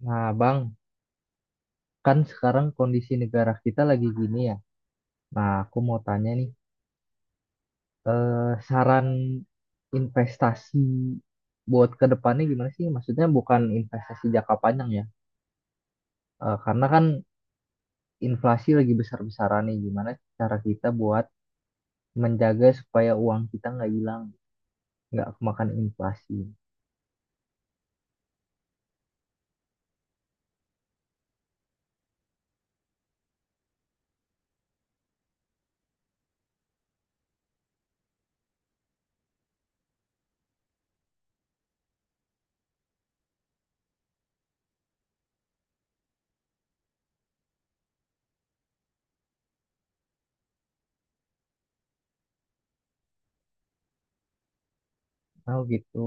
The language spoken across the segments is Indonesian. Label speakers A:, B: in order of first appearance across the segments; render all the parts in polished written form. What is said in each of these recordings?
A: Nah, Bang, kan sekarang kondisi negara kita lagi gini ya. Nah, aku mau tanya nih, saran investasi buat ke depannya gimana sih? Maksudnya bukan investasi jangka panjang ya. Karena kan inflasi lagi besar-besaran nih. Gimana cara kita buat menjaga supaya uang kita nggak hilang, nggak kemakan inflasi. Oh gitu.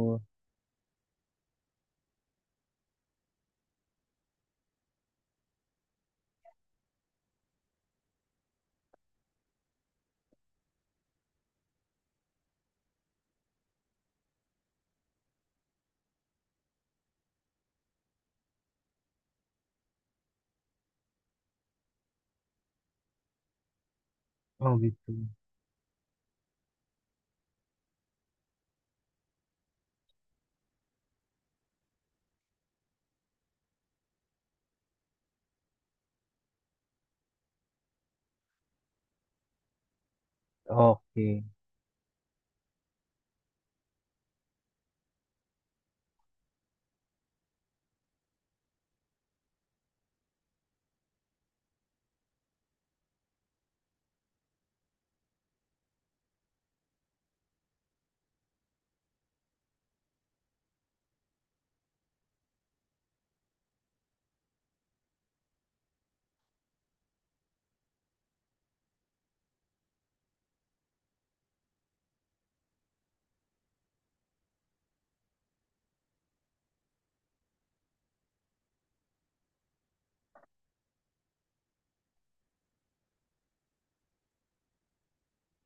A: Oh gitu. Oke.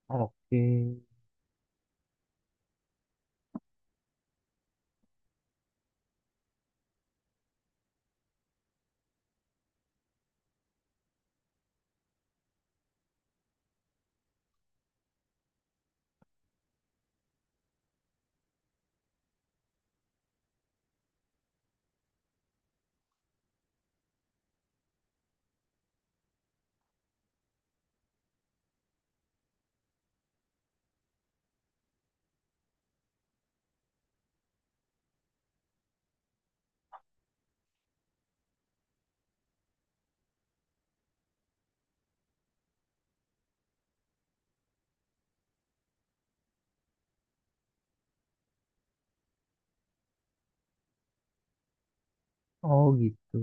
A: Oke. Oh gitu.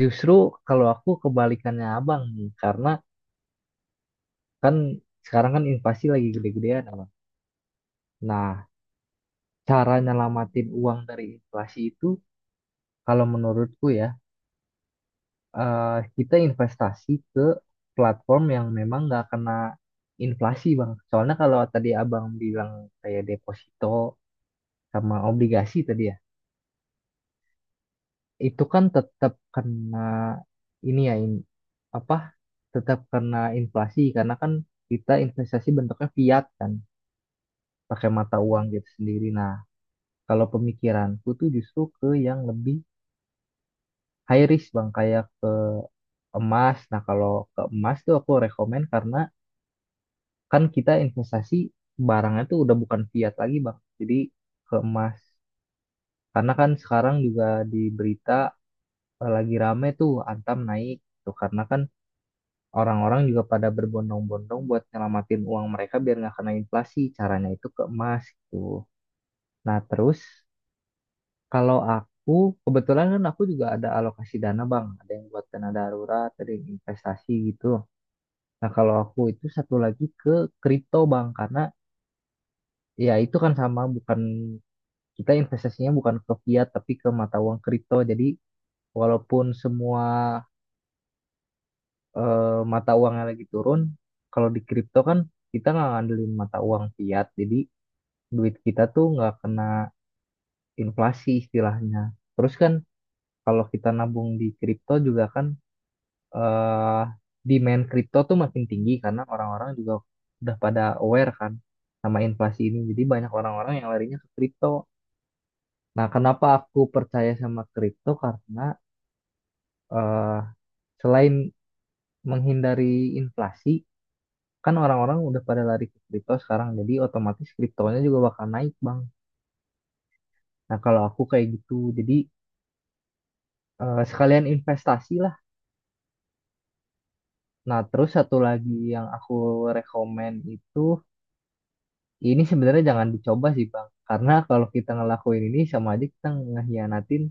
A: Justru kalau aku kebalikannya abang nih, karena kan sekarang kan inflasi lagi gede-gedean, Abang. Nah, cara nyelamatin uang dari inflasi itu, kalau menurutku ya, kita investasi ke platform yang memang nggak kena inflasi, Bang. Soalnya kalau tadi Abang bilang kayak deposito sama obligasi tadi ya, itu kan tetap kena ini ya, apa, tetap kena inflasi karena kan kita investasi bentuknya fiat kan, pakai mata uang gitu sendiri. Nah, kalau pemikiranku tuh justru ke yang lebih high risk bang, kayak ke emas. Nah kalau ke emas tuh aku rekomen karena kan kita investasi barangnya tuh udah bukan fiat lagi bang. Jadi ke emas. Karena kan sekarang juga di berita lagi rame tuh Antam naik tuh karena kan orang-orang juga pada berbondong-bondong buat nyelamatin uang mereka biar nggak kena inflasi. Caranya itu ke emas gitu. Nah terus kalau aku, kebetulan kan aku juga ada alokasi dana bang, ada yang buat dana darurat, ada yang investasi gitu. Nah kalau aku itu satu lagi ke kripto bang, karena ya itu kan sama, bukan kita investasinya bukan ke fiat tapi ke mata uang kripto. Jadi walaupun semua mata uangnya lagi turun, kalau di kripto kan kita nggak ngandelin mata uang fiat, jadi duit kita tuh nggak kena inflasi istilahnya. Terus kan kalau kita nabung di kripto juga kan eh demand kripto tuh makin tinggi karena orang-orang juga udah pada aware kan sama inflasi ini. Jadi banyak orang-orang yang larinya ke kripto. Nah, kenapa aku percaya sama kripto? Karena eh selain menghindari inflasi, kan orang-orang udah pada lari ke kripto sekarang. Jadi otomatis kriptonya juga bakal naik, Bang. Nah, kalau aku kayak gitu, jadi sekalian investasi lah. Nah, terus satu lagi yang aku rekomen itu ini sebenarnya jangan dicoba sih Bang, karena kalau kita ngelakuin ini sama aja kita ngehianatin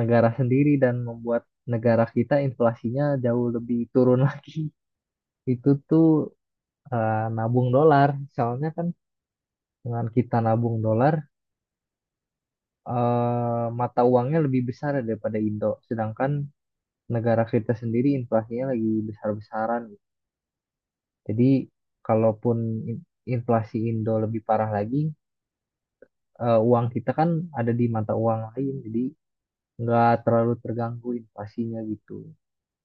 A: negara sendiri dan membuat negara kita inflasinya jauh lebih turun lagi. Itu tuh nabung dolar, soalnya kan dengan kita nabung dolar mata uangnya lebih besar daripada Indo, sedangkan negara kita sendiri inflasinya lagi besar-besaran. Jadi kalaupun in- inflasi Indo lebih parah lagi, uang kita kan ada di mata uang lain, jadi nggak terlalu terganggu invasinya gitu.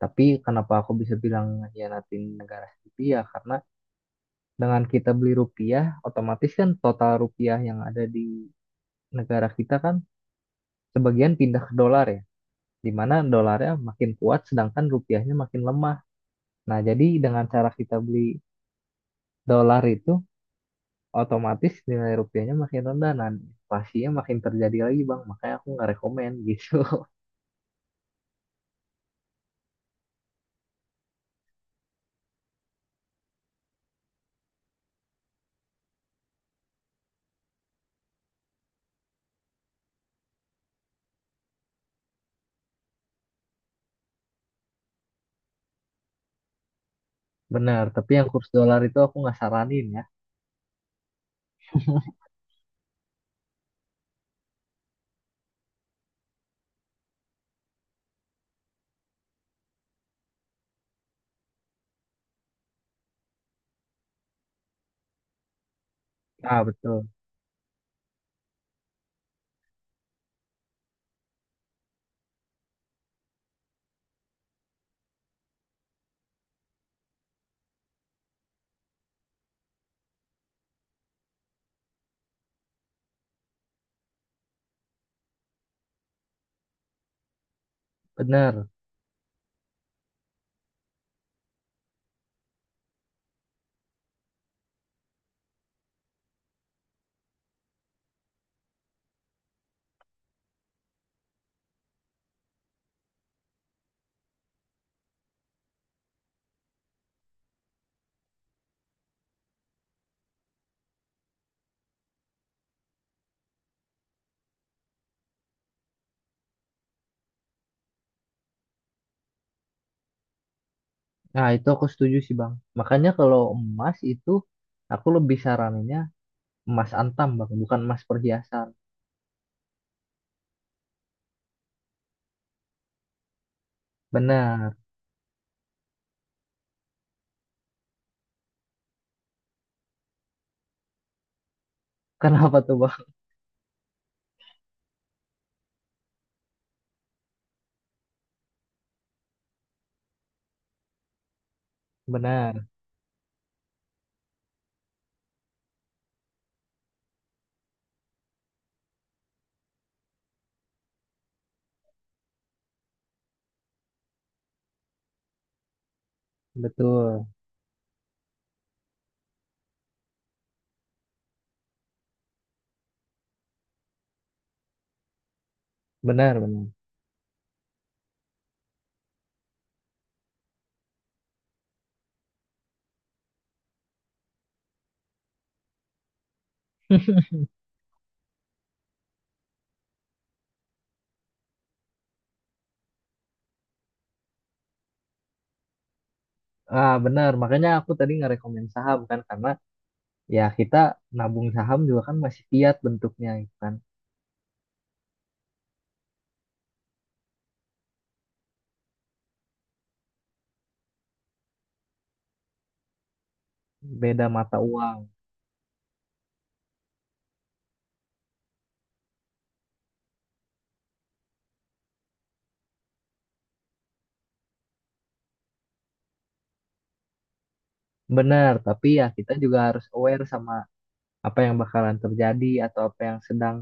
A: Tapi kenapa aku bisa bilang ngehianatin negara sendiri ya karena dengan kita beli rupiah, otomatis kan total rupiah yang ada di negara kita kan sebagian pindah ke dolar ya, di mana dolarnya makin kuat sedangkan rupiahnya makin lemah. Nah, jadi dengan cara kita beli dolar itu otomatis nilai rupiahnya makin rendah, nah inflasinya makin terjadi lagi bang, makanya aku nggak rekomen gitu. Benar, tapi yang kurs dolar itu aku nggak saranin ya. Ah, betul. Bener. Nah, itu aku setuju sih, Bang. Makanya kalau emas itu aku lebih saraninnya emas antam, Bang, bukan emas perhiasan. Benar. Kenapa tuh, Bang? Benar. Betul. Benar, benar. Ah, benar. Makanya aku tadi ngerekomen saham kan karena ya kita nabung saham juga kan masih fiat bentuknya gitu kan. Beda mata uang. Benar, tapi ya kita juga harus aware sama apa yang bakalan terjadi atau apa yang sedang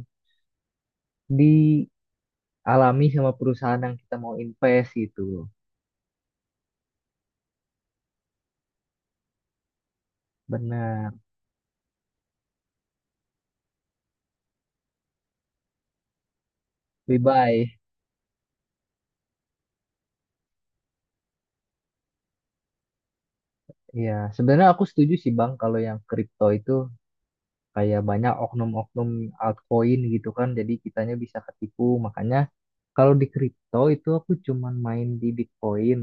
A: dialami sama perusahaan yang kita mau invest gitu. Benar, WeBuy. Iya, sebenarnya aku setuju sih Bang kalau yang kripto itu kayak banyak oknum-oknum altcoin gitu kan, jadi kitanya bisa ketipu. Makanya kalau di kripto itu aku cuman main di Bitcoin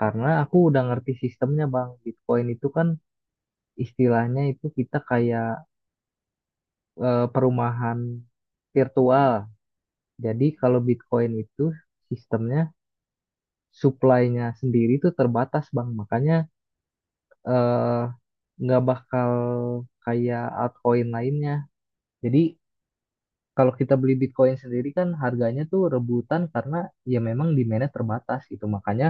A: karena aku udah ngerti sistemnya Bang. Bitcoin itu kan istilahnya itu kita kayak perumahan virtual. Jadi kalau Bitcoin itu sistemnya supply-nya sendiri itu terbatas Bang. Makanya eh, nggak bakal kayak altcoin lainnya. Jadi kalau kita beli Bitcoin sendiri kan harganya tuh rebutan karena ya memang demand-nya terbatas gitu. Makanya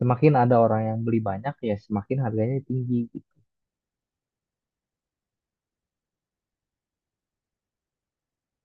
A: semakin ada orang yang beli banyak ya semakin harganya tinggi. Gitu.